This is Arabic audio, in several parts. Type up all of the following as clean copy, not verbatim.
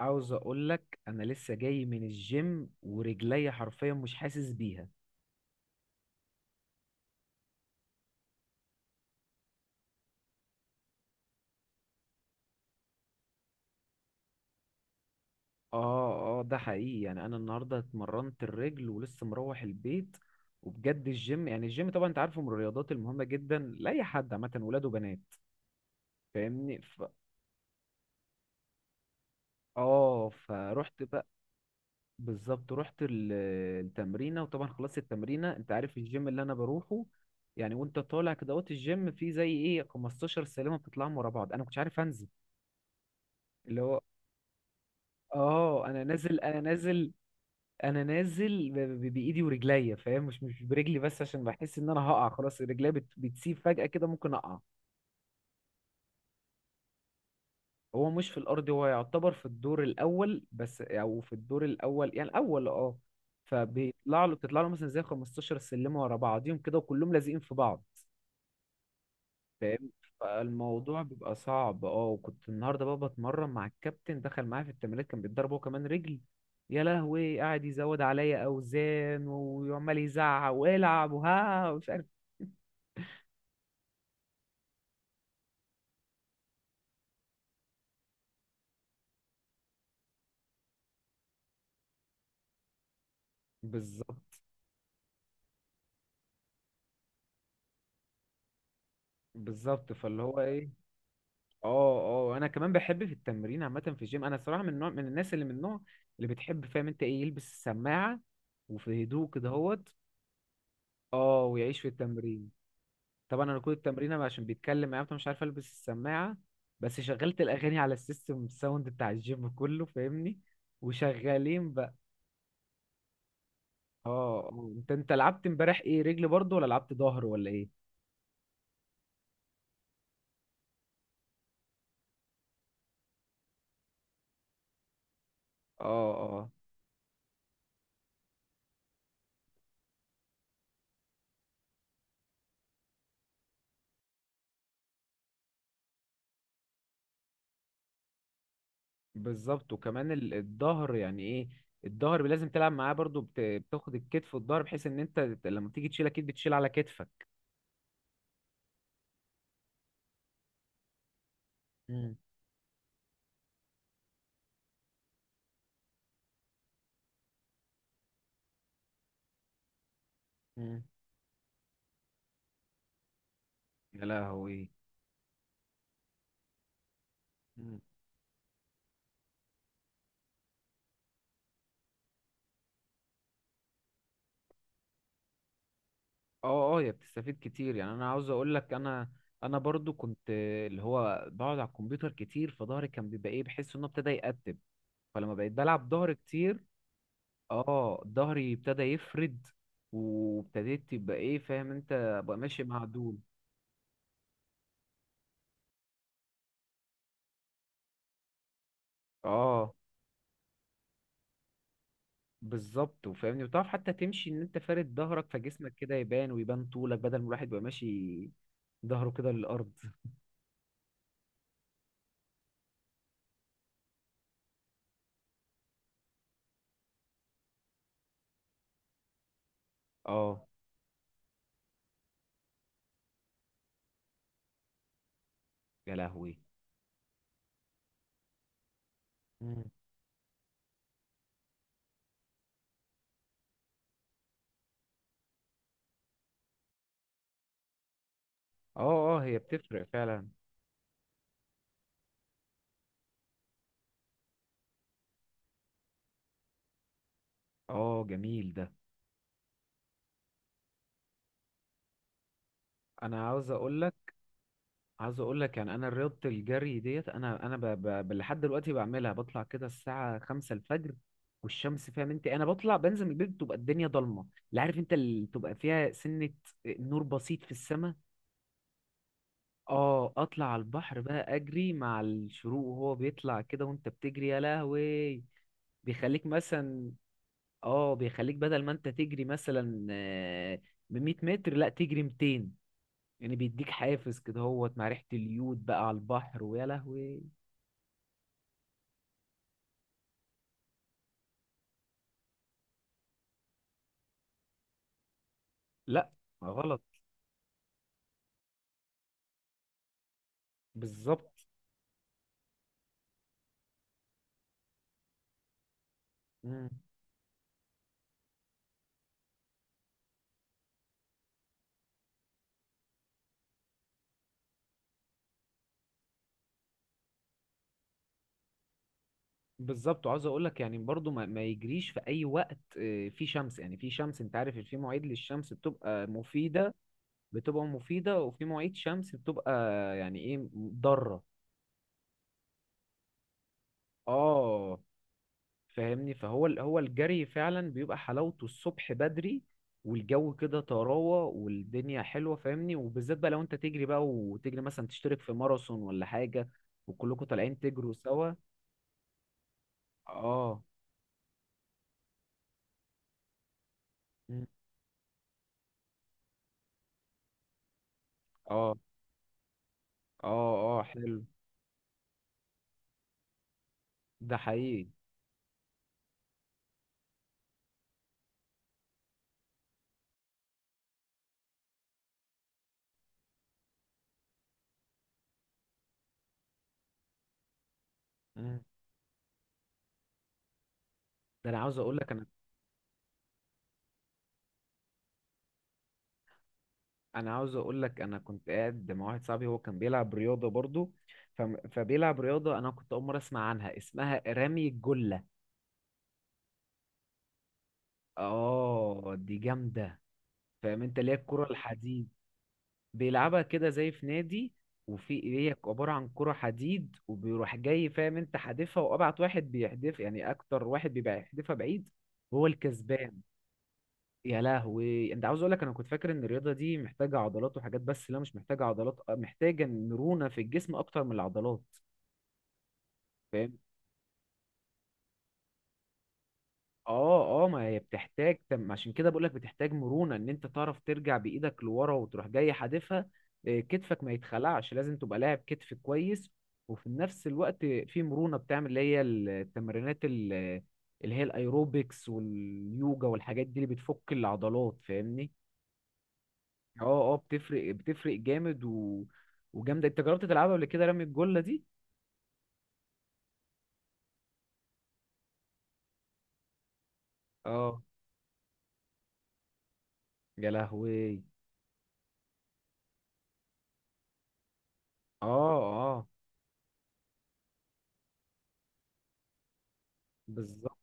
عاوز اقول لك انا لسه جاي من الجيم ورجلي حرفيا مش حاسس بيها. اه اه، ده حقيقي، يعني انا النهارده اتمرنت الرجل ولسه مروح البيت. وبجد الجيم، يعني الجيم طبعا انت عارفه من الرياضات المهمه جدا لاي حد، عامه ولاد وبنات، فاهمني. اه فروحت بقى. بالظبط، رحت التمرينه، وطبعا خلصت التمرينه. انت عارف الجيم اللي انا بروحه، يعني وانت طالع كده وقت الجيم فيه زي ايه 15 سلمه بتطلعهم ورا بعض، انا ما كنتش عارف انزل. اللي هو اه، انا نازل، انا نازل بايدي ورجليا، فاهم؟ مش برجلي بس، عشان بحس ان انا هقع خلاص. رجليا بتسيب فجأة كده، ممكن اقع. هو مش في الارض، هو يعتبر في الدور الاول بس، او في الدور الاول، يعني الاول اه. فبيطلع له، بتطلع له مثلا زي 15 سلمة ورا بعضيهم كده وكلهم لازقين في بعض. فاهم؟ فالموضوع بيبقى صعب اه. وكنت النهارده بقى بتمرن مع الكابتن، دخل معايا في التمرين، كان بيتضرب هو كمان رجل. يا لهوي، قاعد يزود عليا اوزان وعمال يزعق والعب وها ومش عارف. بالظبط. بالظبط، فاللي هو ايه. اه اه، انا كمان بحب في التمرين عامه في الجيم. انا صراحه من نوع من الناس، اللي من النوع اللي بتحب، فاهم انت ايه، يلبس السماعه وفي هدوء كده هوت. اه، ويعيش في التمرين. طبعا انا كل التمرين أنا عشان بيتكلم معايا فمش عارف البس السماعه، بس شغلت الاغاني على السيستم الساوند بتاع الجيم كله، فاهمني، وشغالين بقى. اه. آه. انت لعبت امبارح ايه، رجل برضو ولا لعبت ظهر ولا ايه؟ اه اه، بالظبط. وكمان الظهر، يعني ايه، الظهر لازم تلعب معاه برضو. بتاخد الكتف والظهر بحيث ان انت لما تيجي تشيل اكيد بتشيل على كتفك. امم. امم. يا لهوي. اه اه، هي بتستفيد كتير. يعني انا عاوز اقول لك، انا برضو كنت اللي هو بقعد على الكمبيوتر كتير، فظهري كان بيبقى ايه، بحس انه ابتدى يقتب. فلما بقيت بلعب ظهر كتير، اه ظهري ابتدى يفرد، وابتديت تبقى ايه، فاهم انت، بقى ماشي معدول. اه بالظبط. وفاهمني، وتعرف حتى تمشي ان انت فارد ظهرك، فجسمك كده يبان ويبان طولك، بدل ما الواحد يبقى ماشي ظهره كده للارض. اه. يا لهوي. مم. اه اه، هي بتفرق فعلا. اه جميل ده. انا عاوز اقول لك، يعني انا رياضه الجري ديت، انا لحد دلوقتي بعملها، بطلع كده الساعه 5 الفجر والشمس، فاهم انت، انا بطلع بنزل من البيت بتبقى الدنيا ضلمه، لا عارف انت اللي تبقى فيها سنه، نور بسيط في السماء. اه. اطلع على البحر بقى، اجري مع الشروق وهو بيطلع كده، وانت بتجري يا لهوي. بيخليك مثلا، اه، بيخليك بدل ما انت تجري مثلا ب 100 متر لا تجري 200. يعني بيديك حافز كده هوت، مع ريحة اليود بقى على البحر، ويا لهوي. لا غلط. بالظبط. مم. بالظبط. وعاوز اقول لك، يعني برضو ما يجريش في اي وقت. في شمس، يعني في شمس انت عارف، في مواعيد للشمس بتبقى مفيدة، بتبقى مفيدة، وفي مواعيد شمس بتبقى يعني ايه، ضارة. اه. فاهمني. هو الجري فعلا بيبقى حلاوته الصبح بدري، والجو كده طراوة والدنيا حلوة، فاهمني. وبالذات بقى لو انت تجري بقى وتجري مثلا تشترك في ماراثون ولا حاجة، وكلكم طالعين تجروا سوا. اه. مم. اه اه اه، حلو. ده حقيقي. مم. ده انا عاوز اقول لك، انا انا عاوز اقول لك انا كنت قاعد مع واحد صاحبي، هو كان بيلعب رياضة برضو. ف... فبيلعب رياضة، انا كنت اول مرة اسمع عنها، اسمها رمي الجلة. اه دي جامدة، فاهم انت، اللي هي الكرة الحديد. بيلعبها كده زي في نادي، وفي هي عبارة عن كرة حديد، وبيروح جاي، فاهم انت، حادفها وابعت واحد بيحدف، يعني اكتر واحد بيبقى يحدفها بعيد هو الكسبان. يا لهوي. انت عاوز اقول لك، انا كنت فاكر ان الرياضة دي محتاجة عضلات وحاجات، بس لا مش محتاجة عضلات محتاجة مرونة في الجسم اكتر من العضلات. اه اه، ما هي بتحتاج تم، عشان كده بقولك بتحتاج مرونة ان انت تعرف ترجع بايدك لورا وتروح جاي حادفها. كتفك ما يتخلعش، لازم تبقى لاعب كتف كويس. وفي نفس الوقت في مرونة بتعمل اللي هي التمرينات اللي هي الايروبكس واليوجا والحاجات دي اللي بتفك العضلات، فاهمني. اه. اه بتفرق، بتفرق جامد وجامدة. انت جربت تلعبها قبل كده رمي الجلة دي؟ اه. يا لهوي. اه اه، بالظبط.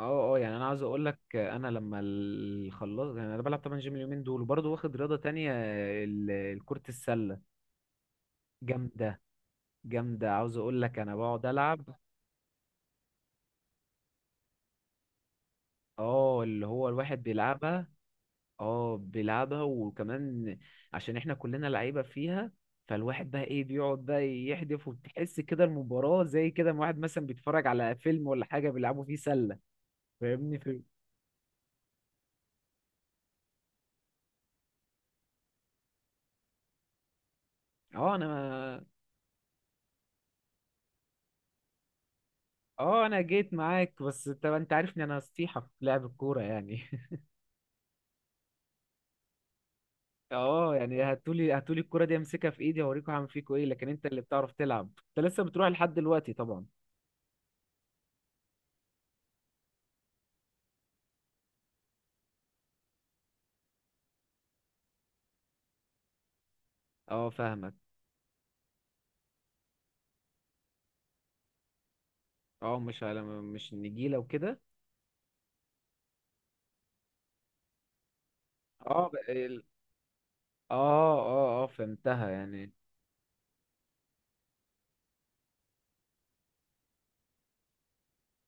اه اه، يعني انا عاوز اقول لك، انا لما خلصت، يعني انا بلعب طبعا جيم اليومين دول وبرضه واخد رياضه تانية، كرة السله. جامده، جامده. عاوز اقول لك، انا بقعد العب. اه اللي هو الواحد بيلعبها. اه بيلعبها، وكمان عشان احنا كلنا لعيبه فيها. فالواحد بقى ايه، بيقعد بقى يحدف، وبتحس كده المباراه زي كده، ما واحد مثلا بيتفرج على فيلم ولا حاجه، بيلعبوا فيه سله، فاهمني في. اه. انا اه، انا جيت معاك، بس انت عارفني، انا نصيحة في لعب الكورة يعني اه يعني، هاتولي هاتولي الكورة دي، امسكها في ايدي اوريكم هعمل فيكوا ايه. لكن انت اللي بتعرف تلعب. انت لسه بتروح لحد دلوقتي طبعا. اه فاهمك. اه، مش على، مش نجيلة وكده. اه ب- ال- اه اه اه، فهمتها يعني.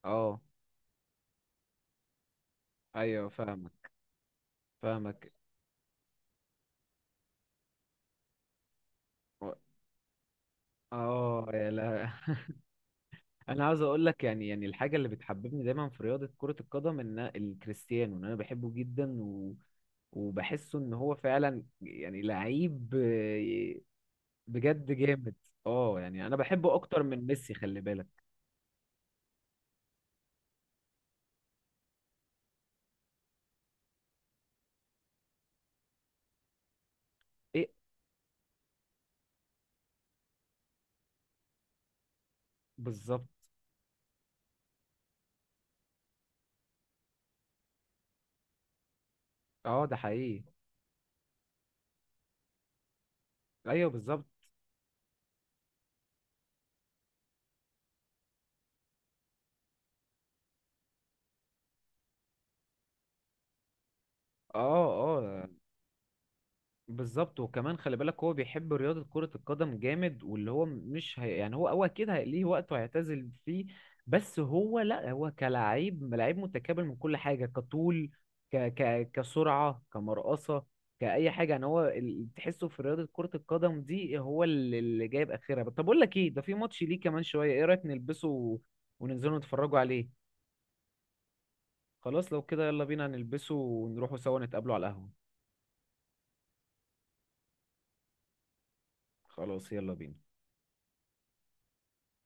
اه ايوه فاهمك، فاهمك. اه يا لا. انا عاوز اقول لك، يعني الحاجه اللي بتحببني دايما في رياضه كره القدم، ان الكريستيانو، ان انا بحبه جدا وبحسه ان هو فعلا يعني لعيب، بجد جامد. اه يعني انا بحبه اكتر من ميسي خلي بالك. ايه بالظبط. اه ده حقيقي. ايوه بالظبط. اه اه بالظبط. وكمان خلي بالك، هو بيحب رياضة كرة القدم جامد، واللي هو مش هي يعني، هو هو أكيد ليه وقت هيعتزل فيه. بس هو لا، هو كلاعب لعيب متكامل من كل حاجة، كطول، ك ك كسرعة، كمرقصة، كأي حاجة. يعني هو تحسه في رياضة كرة القدم دي هو اللي، جايب آخرها. طب أقول لك إيه، ده في ماتش ليه كمان شوية، إيه رأيك نلبسه وننزلوا نتفرجوا عليه. خلاص لو كده، يلا بينا نلبسه ونروحوا سوا، نتقابلوا على القهوة. خلاص يلا بينا.